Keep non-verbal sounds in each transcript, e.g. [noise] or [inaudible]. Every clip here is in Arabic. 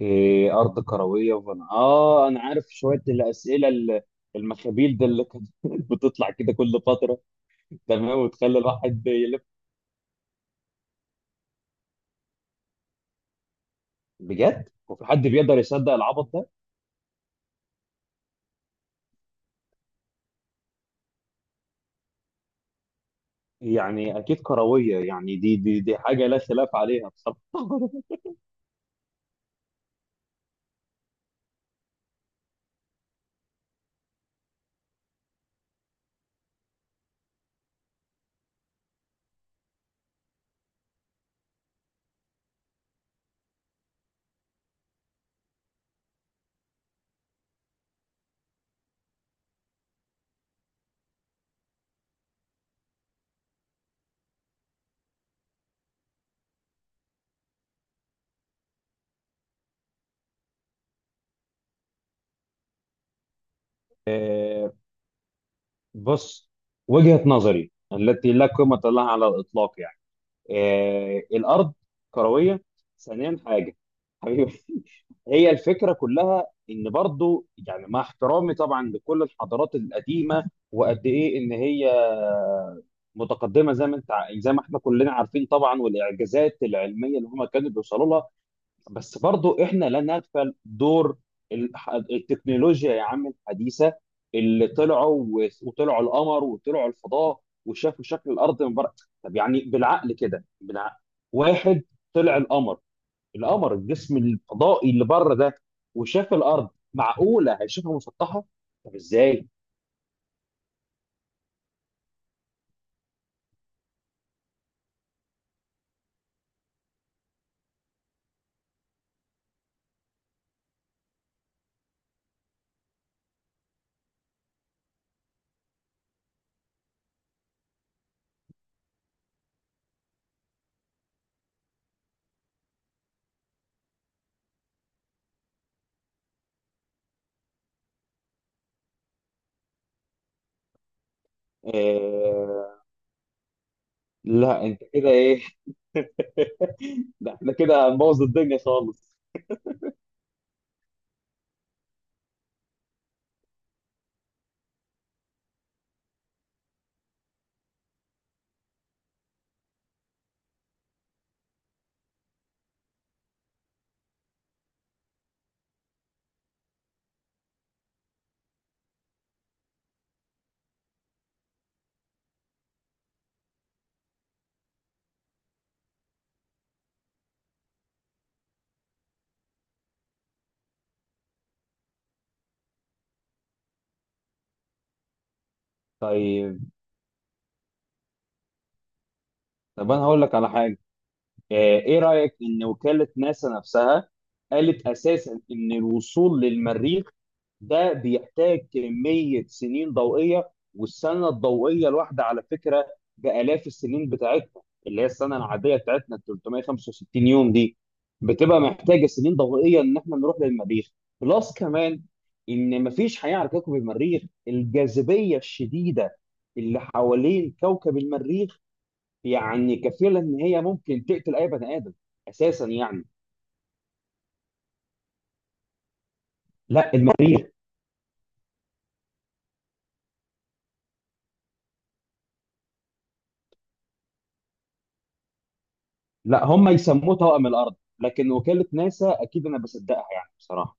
إيه أرض كروية وفن. أنا عارف شوية الأسئلة المخابيل ده اللي كانت [laughs] بتطلع كده كل فترة. تمام، وتخلي الواحد يلف. بجد؟ وفي حد بيقدر يصدق العبط ده؟ يعني أكيد كروية، يعني دي حاجة لا خلاف عليها بصراحة. [laughs] إيه، بص، وجهة نظري التي لا قيمة لها على الإطلاق يعني. الارض كرويه. ثانيا حاجه حبيبي. [laughs] هي الفكره كلها ان برضو يعني مع احترامي طبعا لكل الحضارات القديمه، وقد ايه ان هي متقدمه زي ما زي ما احنا كلنا عارفين طبعا، والاعجازات العلميه اللي هم كانوا بيوصلوا لها. بس برضو احنا لا نغفل دور التكنولوجيا يا عم الحديثة، اللي طلعوا وطلعوا القمر وطلعوا الفضاء وشافوا شكل الارض من بره. طب يعني بالعقل كده، بالعقل، واحد طلع القمر، القمر الجسم الفضائي اللي بره ده، وشاف الارض، معقولة هيشوفها مسطحة؟ طب ازاي؟ آه... لا انت كده ايه. [laughs] ده احنا كده هنبوظ الدنيا خالص. طيب، طب انا هقول لك على حاجة. ايه رأيك ان وكالة ناسا نفسها قالت اساسا ان الوصول للمريخ ده بيحتاج كمية سنين ضوئية، والسنة الضوئية الواحدة على فكرة بآلاف السنين بتاعتنا، اللي هي السنة العادية بتاعتنا ال 365 يوم دي، بتبقى محتاجة سنين ضوئية ان احنا نروح للمريخ. بلس كمان ان مفيش حياة على كوكب المريخ، الجاذبية الشديدة اللي حوالين كوكب المريخ يعني كفيله ان هي ممكن تقتل اي بني ادم اساسا يعني. لا المريخ. لا هم يسموه طاقم الارض، لكن وكاله ناسا اكيد انا بصدقها يعني بصراحه،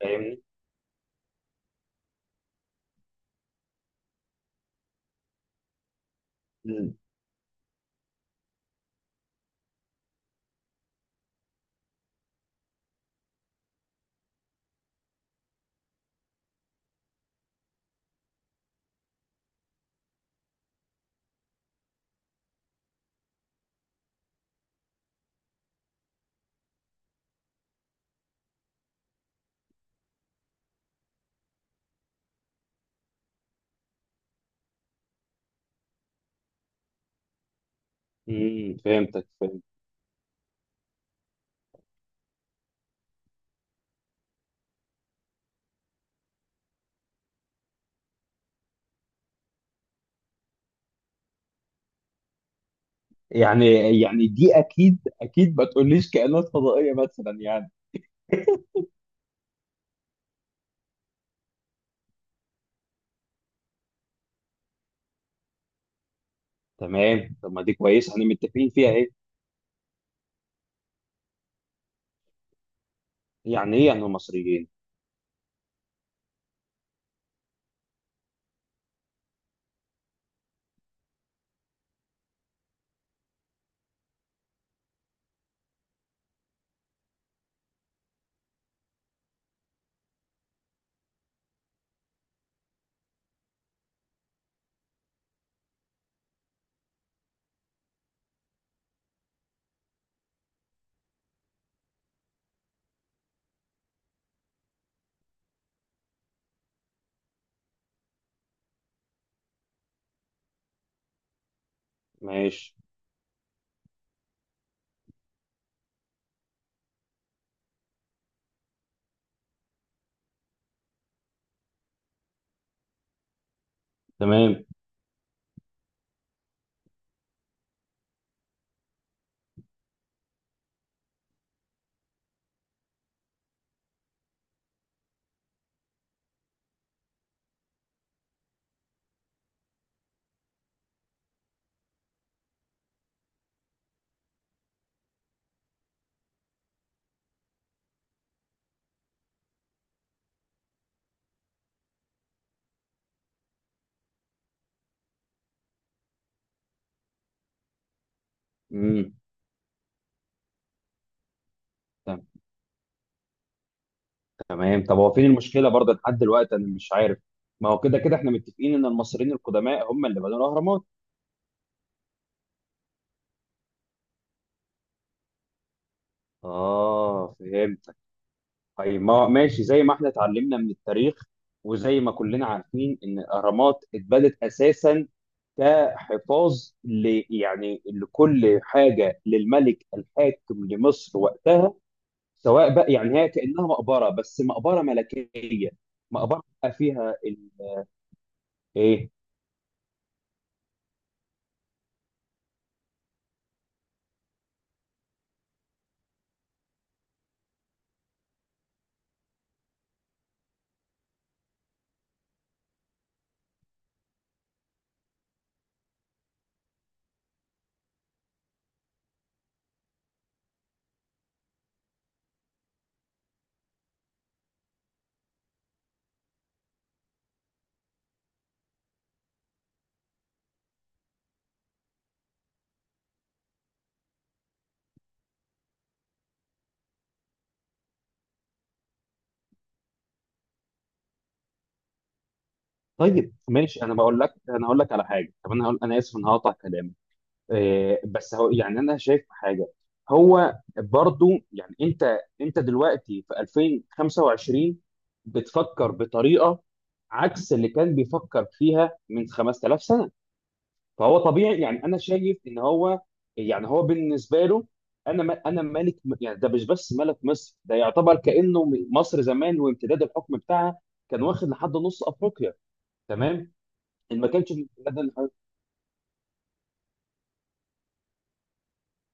فاهمني؟ م- فهمتك، فهمت. يعني، يعني دي اكيد اكيد ما تقوليش كائنات فضائيه مثلا يعني. تمام، طب ما دي كويسه، احنا متفقين فيها. ايه يعني، ايه يعني مصريين؟ ماشي. تمام. امم تمام. طب هو فين المشكله برضه لحد دلوقتي انا مش عارف؟ ما هو كده كده احنا متفقين ان المصريين القدماء هم اللي بنوا الاهرامات. اه فهمتك. طيب، ما ماشي، زي ما احنا اتعلمنا من التاريخ وزي ما كلنا عارفين ان الاهرامات اتبنت اساسا كحفاظ ل، يعني لكل حاجه، للملك الحاكم لمصر وقتها، سواء بقى يعني هي كانها مقبره، بس مقبره ملكيه. مقبره بقى فيها ايه. طيب ماشي، انا بقول لك، انا هقول لك على حاجه. طب انا هقول، انا اسف ان هقطع كلامك. إيه بس هو يعني انا شايف حاجه. هو برضو يعني انت دلوقتي في 2025 بتفكر بطريقه عكس اللي كان بيفكر فيها من 5000 سنه. فهو طبيعي، يعني انا شايف ان هو، يعني هو بالنسبه له، انا ملك. يعني ده مش بس ملك مصر، ده يعتبر كانه مصر زمان، وامتداد الحكم بتاعها كان واخد لحد نص افريقيا، تمام، ما كانش في البلاد اللي حواليه.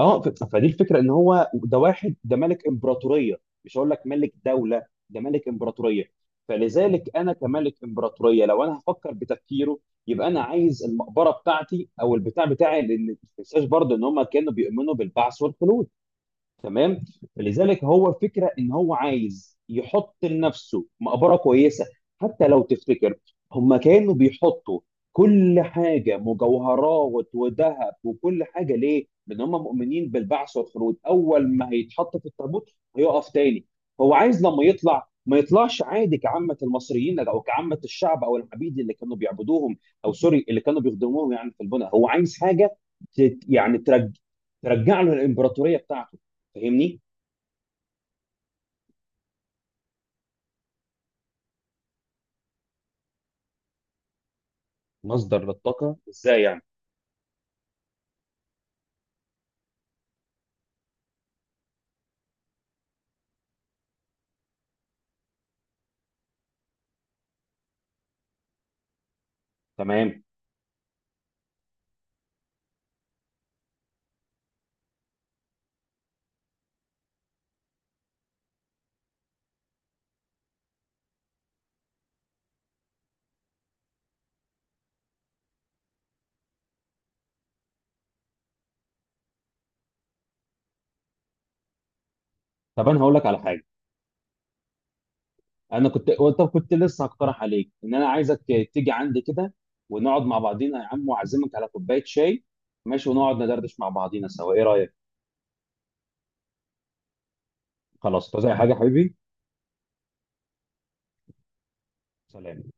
اه، فدي الفكره ان هو ده واحد، ده ملك امبراطوريه، مش هقول لك ملك دوله، ده ملك امبراطوريه. فلذلك انا كملك امبراطوريه لو انا هفكر بتفكيره، يبقى انا عايز المقبره بتاعتي او البتاع بتاعي، لان ما تنساش برضه ان هم كانوا بيؤمنوا بالبعث والخلود. تمام. فلذلك هو فكره ان هو عايز يحط لنفسه مقبره كويسه. حتى لو تفتكر، هم كانوا بيحطوا كل حاجه، مجوهرات وذهب وكل حاجه، ليه؟ لان هم مؤمنين بالبعث والخلود. اول ما هيتحط في التابوت هيقف تاني. هو عايز لما يطلع ما يطلعش عادي كعامة المصريين او كعامة الشعب او العبيد اللي كانوا بيعبدوهم، او سوري، اللي كانوا بيخدموهم يعني في البناء. هو عايز حاجة تت- يعني ترج... ترجع له الامبراطورية بتاعته، فاهمني؟ مصدر للطاقه ازاي يعني؟ تمام، طب انا هقول لك على حاجه. انا كنت، طب كنت لسه هقترح عليك ان انا عايزك تيجي عندي كده ونقعد مع بعضينا يا عم، واعزمك على كوبايه شاي، ماشي، ونقعد ندردش مع بعضينا سوا، ايه رايك؟ خلاص، عايز اي حاجه يا حبيبي. سلام.